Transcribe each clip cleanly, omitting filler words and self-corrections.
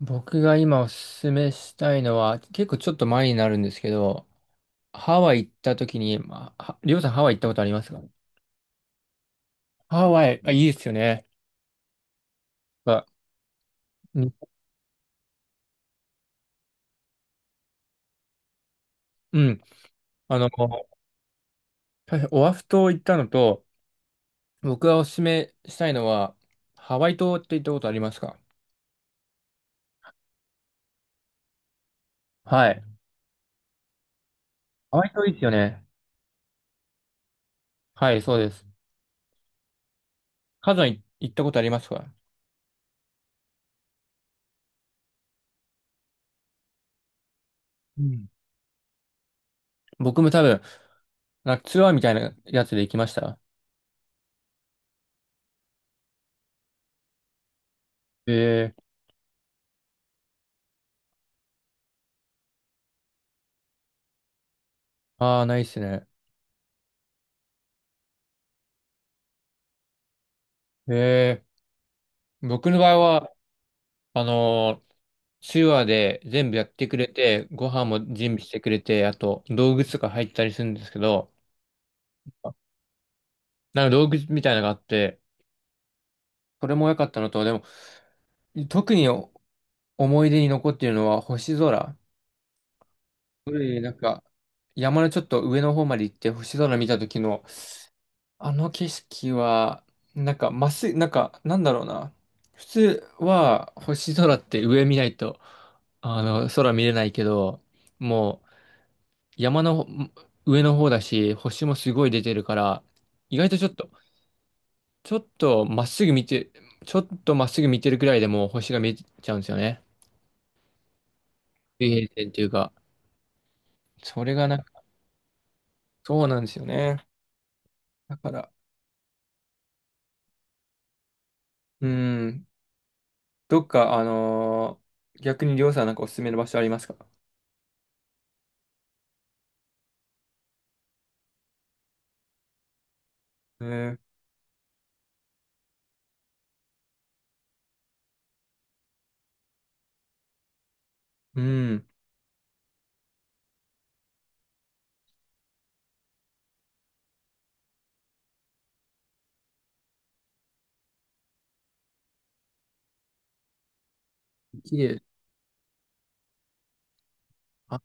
僕が今おすすめしたいのは、結構ちょっと前になるんですけど、ハワイ行った時に、まあ、はりょうさんハワイ行ったことありますか？ハワイ、あ、いいですよね。あ、に、うん。あの、オアフ島行ったのと、僕がおすすめしたいのは、ハワイ島って行ったことありますか？はい。ハワイ島いいですよね。はい、そうです。カズさい行ったことありますか？うん。僕も多分、なんかツアーみたいなやつで行きました。えー、ああ、ないっすね。え僕の場合は、あのー手話で全部やってくれて、ご飯も準備してくれて、あと道具とか入ったりするんですけど、なんか道具みたいなのがあって、それも良かったのと、でも、特に思い出に残っているのは星空。これなんか、山のちょっと上の方まで行って星空見た時の、あの景色は、なんか、まっすぐ、なんか、なんだろうな。普通は星空って上見ないと、空見れないけど、もう、山の上の方だし、星もすごい出てるから、意外とちょっと、ちょっとまっすぐ見て、ちょっとまっすぐ見てるくらいでもう星が見えちゃうんですよね。水平線っていうか、それがな、そうなんですよね。だから、うん、どっか、逆にりょうさんなんかおすすめの場所ありますか？えー、うん、綺麗。あ、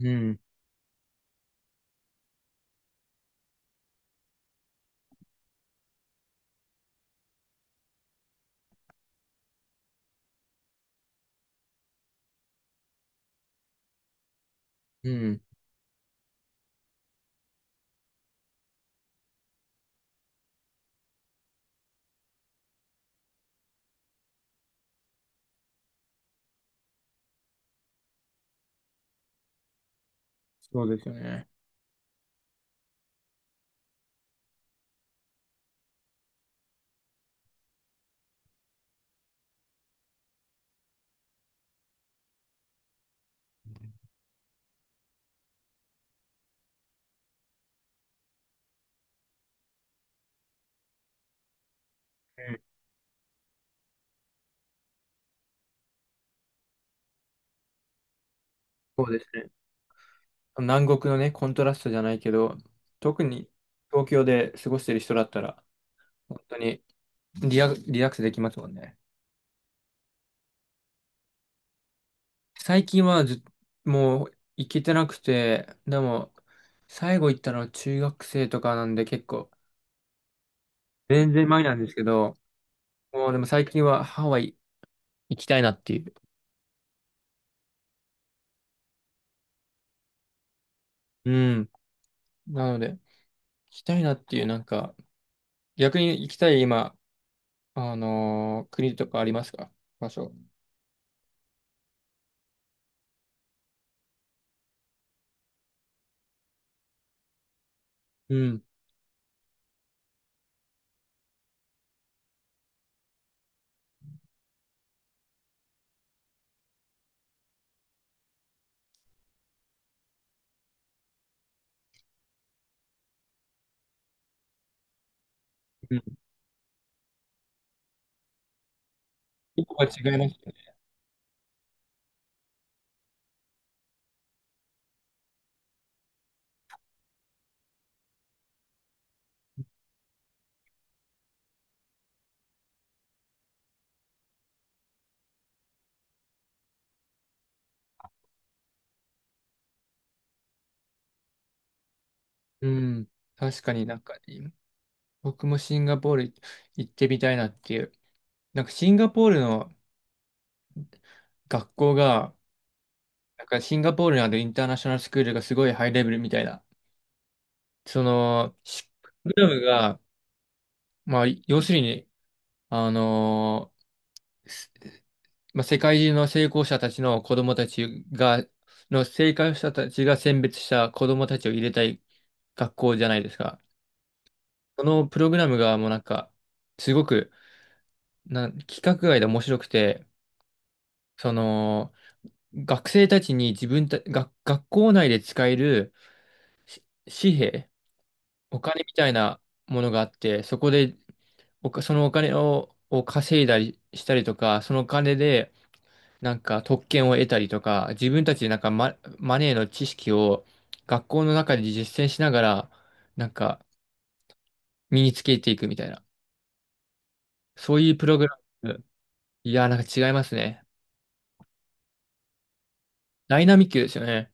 うん、うん、そうですよね。うん、そうですね。南国のね、コントラストじゃないけど、特に東京で過ごしてる人だったら、本当にリラックスできますもんね。最近はず、もう行けてなくて、でも、最後行ったのは中学生とかなんで結構、全然前なんですけど、もうでも最近はハワイ行きたいなっていう。うん。なので、行きたいなっていう、なんか、逆に行きたい今、国とかありますか？場所。うん。うん。一個は違いますよね。うん。確かになんか、僕もシンガポール行ってみたいなっていう。なんかシンガポールの学校が、なんかシンガポールにあるインターナショナルスクールがすごいハイレベルみたいな。その、プログラムが、まあ、要するに、あのーすまあ、世界中の成功者たちの子供たちが、の成功者たちが選別した子供たちを入れたい学校じゃないですか。そのプログラムがもうなんか、すごく、規格外で面白くて、その、学生たちに自分た、学、学校内で使える、し紙幣、お金みたいなものがあって、そこでそのお金を稼いだりしたりとか、そのお金でなんか特権を得たりとか、自分たちでなんかマネーの知識を学校の中で実践しながら、なんか身につけていくみたいな。そういうプログラム。いやー、なんか違いますね。ダイナミックですよね。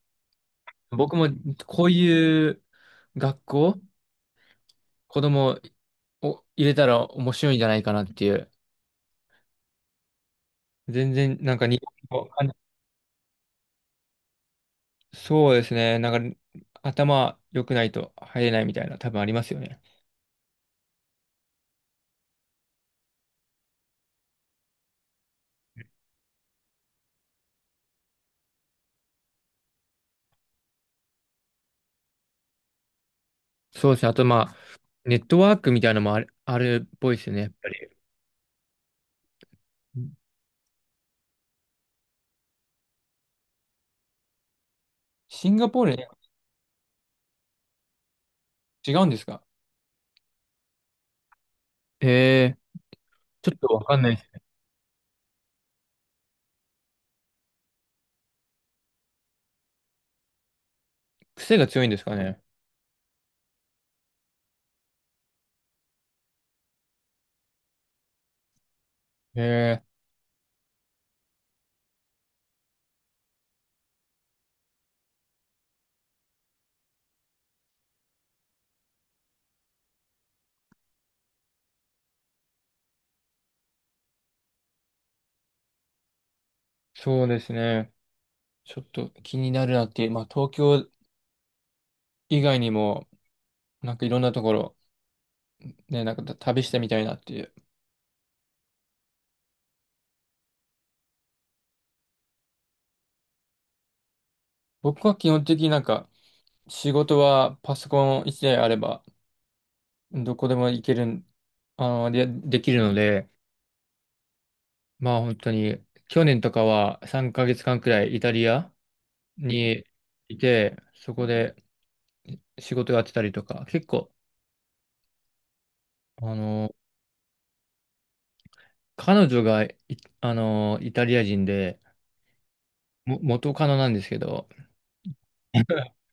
僕もこういう学校、子供を入れたら面白いんじゃないかなっていう。全然なんか日本の。そうですね。なんか、頭良くないと入れないみたいな、多分ありますよね。そうですね。あと、まあ、ネットワークみたいなのもある、あるっぽいですよね、やっぱり。うん。シンガポールね、違うんですか？へえ、ちょっとわかんないです。癖が強いんですかね。へえ、そうですね。ちょっと気になるなっていう、まあ、東京以外にも、なんかいろんなところ、ね、なんか旅してみたいなっていう。僕は基本的になんか、仕事はパソコン一台あれば、どこでも行けるん、できるので、まあ本当に、去年とかは3ヶ月間くらいイタリアにいて、そこで仕事やってたりとか、結構、あの、彼女がい、イタリア人で、も、元カノなんですけど、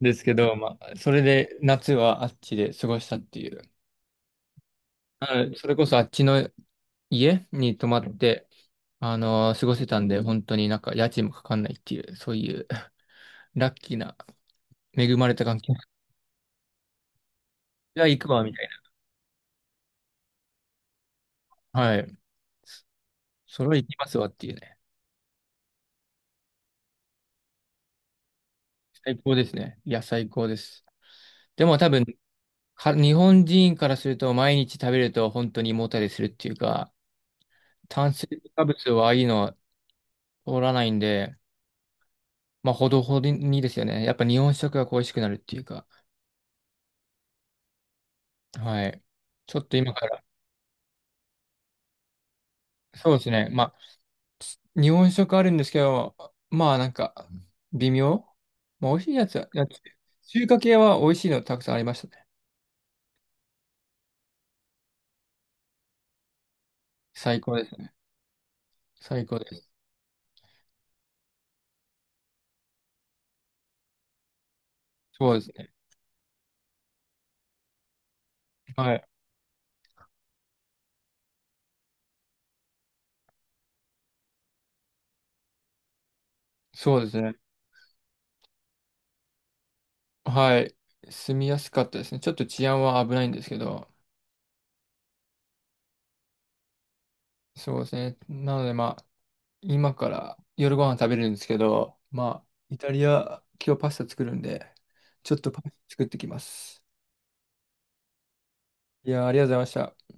ですけど、まあ、それで夏はあっちで過ごしたっていう。それこそあっちの家に泊まって、過ごせたんで、本当になんか家賃もかかんないっていう、そういうラッキーな、恵まれた環境。じゃあ行くわ、みたいな。はい。それは行きますわっていうね。最高ですね。いや、最高です。でも多分、日本人からすると毎日食べると本当に胃もたれするっていうか、炭水化物はいいのは通らないんで、まあ、ほどほどにですよね。やっぱ日本食が恋しくなるっていうか、はい。ちょっと今から、そうですね。まあ、日本食あるんですけど、まあ、なんか、微妙。まあ、美味しいやつは、やつ中華系は美味しいのたくさんありましたね。最高ですね。最高です。そうですね。はい。そうですね。はい。住みやすかったですね。ちょっと治安は危ないんですけど、そうですね。なのでまあ、今から夜ご飯食べるんですけど、まあ、イタリア、今日パスタ作るんで、ちょっとパスタ作ってきます。いやー、ありがとうございました。